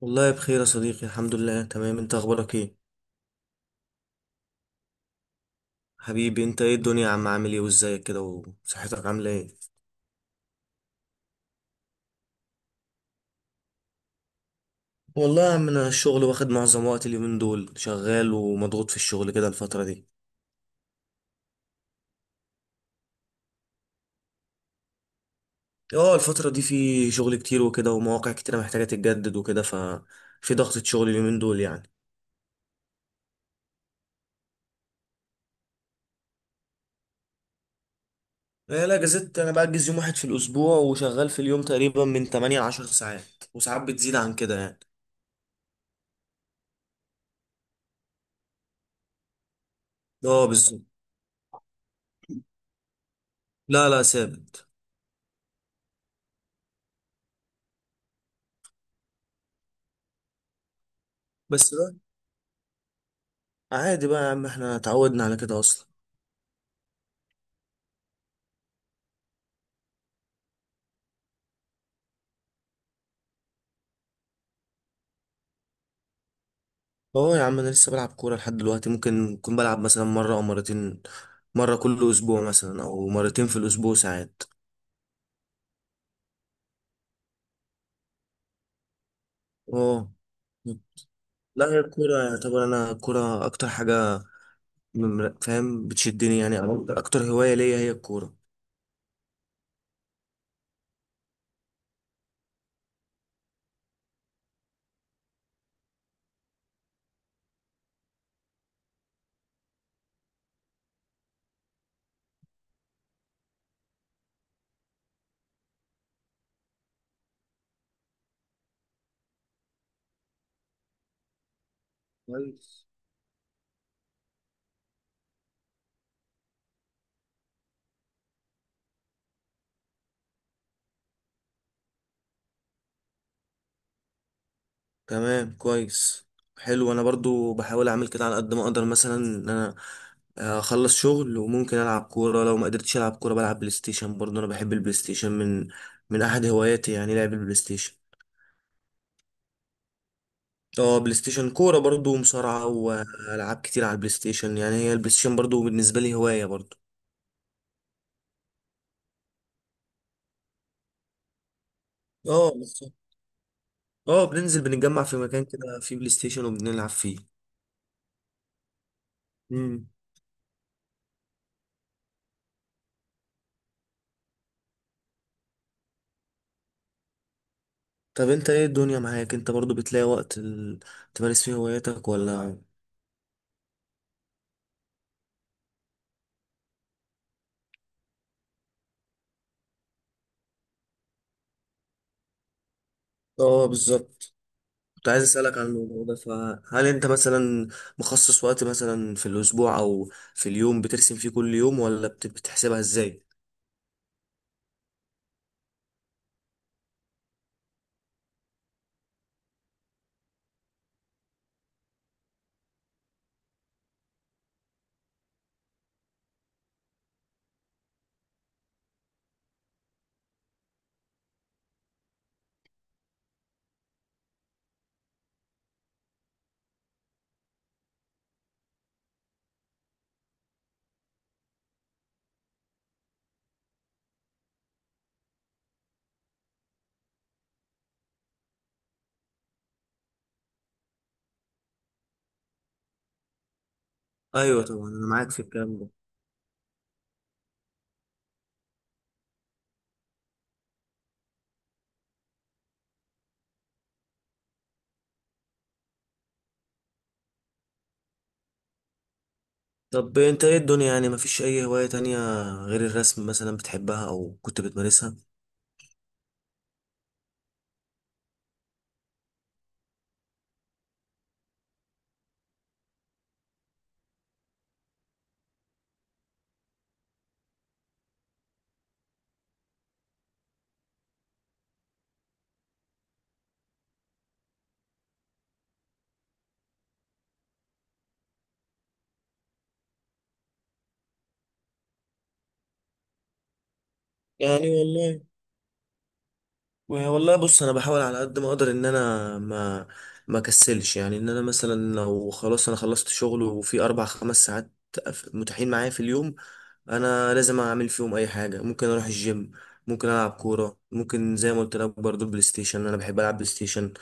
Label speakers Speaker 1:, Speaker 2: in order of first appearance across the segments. Speaker 1: والله بخير يا صديقي، الحمد لله. تمام، انت اخبارك ايه؟ حبيبي، انت ايه الدنيا يا عم؟ عامل ايه وازيك كده وصحتك عامله ايه؟ والله يا عم، انا الشغل واخد معظم وقت اليومين دول، شغال ومضغوط في الشغل كده الفتره دي. اه، الفتره دي في شغل كتير وكده، ومواقع كتيره محتاجه تتجدد وكده، ففي ضغطه شغل اليومين دول يعني. لا، لا، جزت. انا بأجز يوم واحد في الاسبوع، وشغال في اليوم تقريبا من 8 ل 10 ساعات. وساعات بتزيد عن كده يعني. اه، بالظبط. لا، لا، ثابت. بس بقى. عادي بقى يا عم، احنا اتعودنا على كده اصلا. اه يا عم، انا لسه بلعب كوره لحد دلوقتي. ممكن اكون بلعب مثلا مره او مرتين. مره كل اسبوع مثلا، او مرتين في الاسبوع ساعات. اه. لا، هي الكوره يعتبر، انا الكوره اكتر حاجه. فاهم، بتشدني يعني، أو أكتر هوايه ليا هي الكوره. كويس. تمام، كويس. حلو، انا برضو بحاول اعمل كده على قد ما اقدر، مثلا ان انا اخلص شغل وممكن العب كوره. لو ما قدرتش العب كوره بلعب بلاي ستيشن. برضو انا بحب البلاي ستيشن من احد هواياتي، يعني لعب البلاي ستيشن. اه، بلاي ستيشن كورة برضو، ومصارعة، وألعاب كتير على البلاي ستيشن يعني. هي البلاي ستيشن برضو بالنسبة لي هواية برضو. اه بس. اه، بننزل بنتجمع في مكان كده فيه بلاي ستيشن وبنلعب فيه. مم. طب انت ايه الدنيا معاك؟ انت برضو بتلاقي وقت تمارس فيه هواياتك ولا؟ اه، بالظبط. كنت عايز اسألك عن الموضوع ده. فهل انت مثلا مخصص وقت مثلا في الاسبوع او في اليوم بترسم فيه كل يوم، ولا بتحسبها ازاي؟ ايوه طبعا، انا معاك في الكلام ده. طب انت ايه الدنيا يعني؟ مفيش اي هواية تانية غير الرسم مثلا بتحبها او كنت بتمارسها؟ يعني والله. والله بص، انا بحاول على قد ما اقدر ان انا ما كسلش، يعني ان انا مثلا لو خلاص انا خلصت شغل، وفي اربع خمس ساعات متاحين معايا في اليوم، انا لازم اعمل فيهم اي حاجه. ممكن اروح الجيم، ممكن العب كوره، ممكن زي ما قلت لك برضو بلاي ستيشن، انا بحب العب بلاي ستيشن.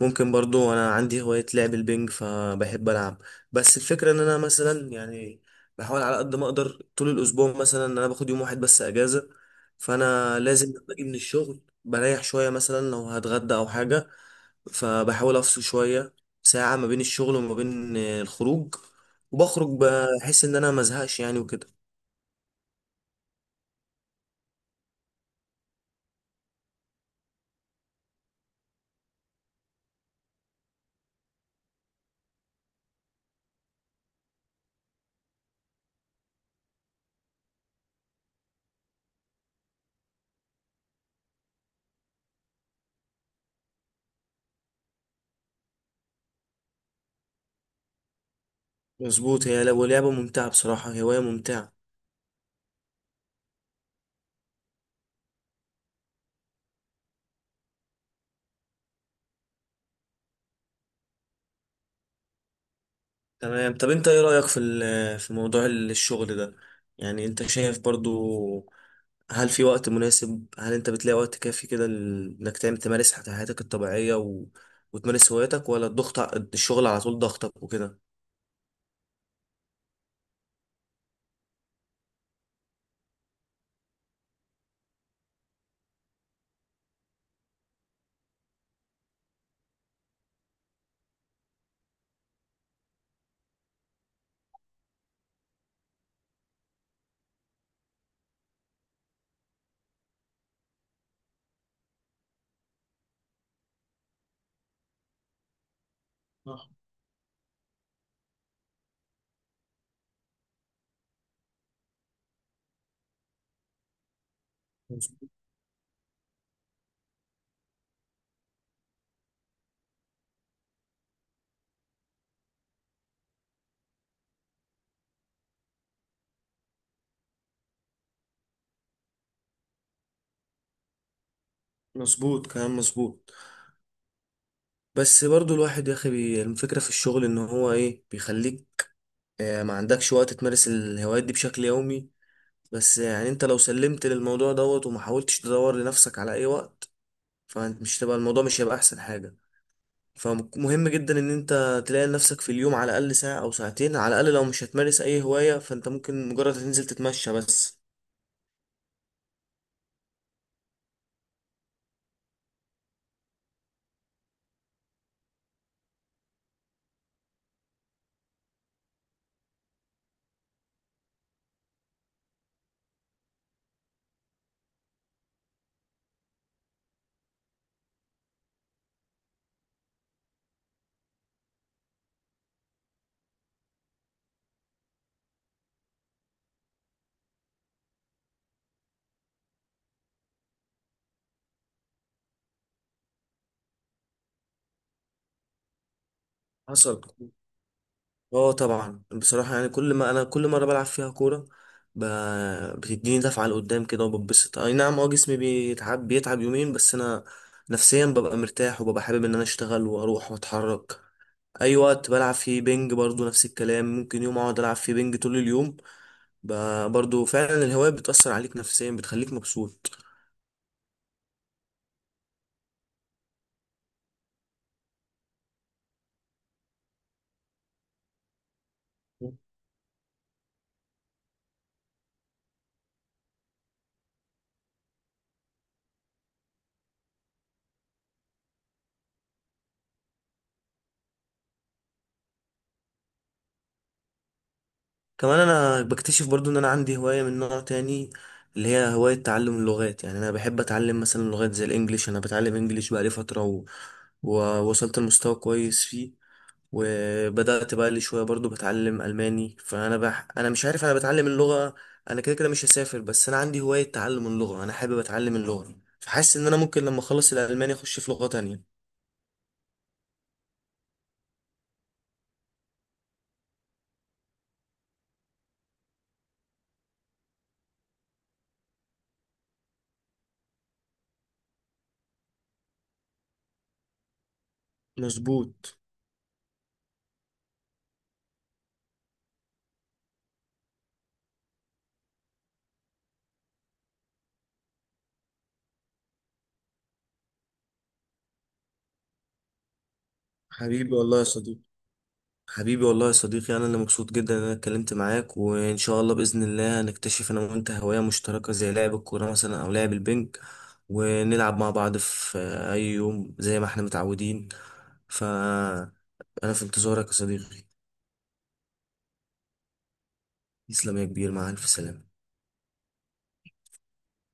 Speaker 1: ممكن برضو انا عندي هوايه لعب البنج فبحب العب. بس الفكره ان انا مثلا يعني، بحاول على قد ما اقدر طول الاسبوع مثلا ان انا باخد يوم واحد بس اجازه. فانا لازم لما اجي من الشغل بريح شويه، مثلا لو هتغدى او حاجه. فبحاول افصل شويه، ساعه ما بين الشغل وما بين الخروج. وبخرج بحيث ان انا مزهقش يعني وكده. مظبوط، هي لو لعبة ممتعة بصراحة، هواية ممتعة. تمام. طب انت ايه رأيك في في موضوع الشغل ده؟ يعني انت شايف برضو، هل في وقت مناسب؟ هل انت بتلاقي وقت كافي كده انك تعمل تمارس حياتك الطبيعية وتمارس هواياتك، ولا الضغط الشغل على طول ضغطك وكده؟ صح. مظ- مظبوط، كلام مظبوط. بس برضو الواحد يا اخي، الفكرة في الشغل ان هو ايه بيخليك، ما عندكش وقت تمارس الهوايات دي بشكل يومي. بس يعني انت لو سلمت للموضوع دوت، وما حاولتش تدور لنفسك على اي وقت، فمش تبقى، الموضوع مش هيبقى احسن حاجة. فمهم جدا ان انت تلاقي لنفسك في اليوم على الاقل ساعة او ساعتين، على الاقل لو مش هتمارس اي هواية فانت ممكن مجرد تنزل تتمشى بس. حصل. اه طبعا، بصراحة يعني كل ما انا كل مرة بلعب فيها كورة، ب... بتديني دفعة لقدام كده وبتبسط. اي نعم، اه جسمي بيتعب بيتعب يومين، بس انا نفسيا ببقى مرتاح، وببقى حابب ان انا اشتغل واروح واتحرك. اي وقت بلعب فيه بينج برضو نفس الكلام. ممكن يوم اقعد العب فيه بينج طول اليوم. برضو فعلا الهواية بتأثر عليك نفسيا، بتخليك مبسوط. كمان انا بكتشف برضو ان انا عندي هواية من نوع تاني، اللي هي هواية تعلم اللغات. يعني انا بحب اتعلم مثلا لغات زي الانجليش. انا بتعلم انجليش بقالي فترة ووصلت لمستوى كويس فيه. وبدأت بقى لي شوية برضو بتعلم ألماني. فأنا أنا مش عارف، أنا بتعلم اللغة. أنا كده كده مش هسافر، بس أنا عندي هواية تعلم اللغة، أنا حابب أتعلم اللغة. فحاسس إن أنا ممكن لما أخلص الألماني أخش في لغة تانية. مظبوط. حبيبي والله يا صديقي. حبيبي والله يا صديقي، أنا اللي مبسوط جدا إن أنا اتكلمت معاك. وإن شاء الله بإذن الله هنكتشف أنا وأنت هواية مشتركة زي لعب الكورة مثلا، أو لعب البنج. ونلعب مع بعض في أي يوم زي ما إحنا متعودين. فأنا في انتظارك يا صديقي. تسلم يا كبير، مع ألف سلامة.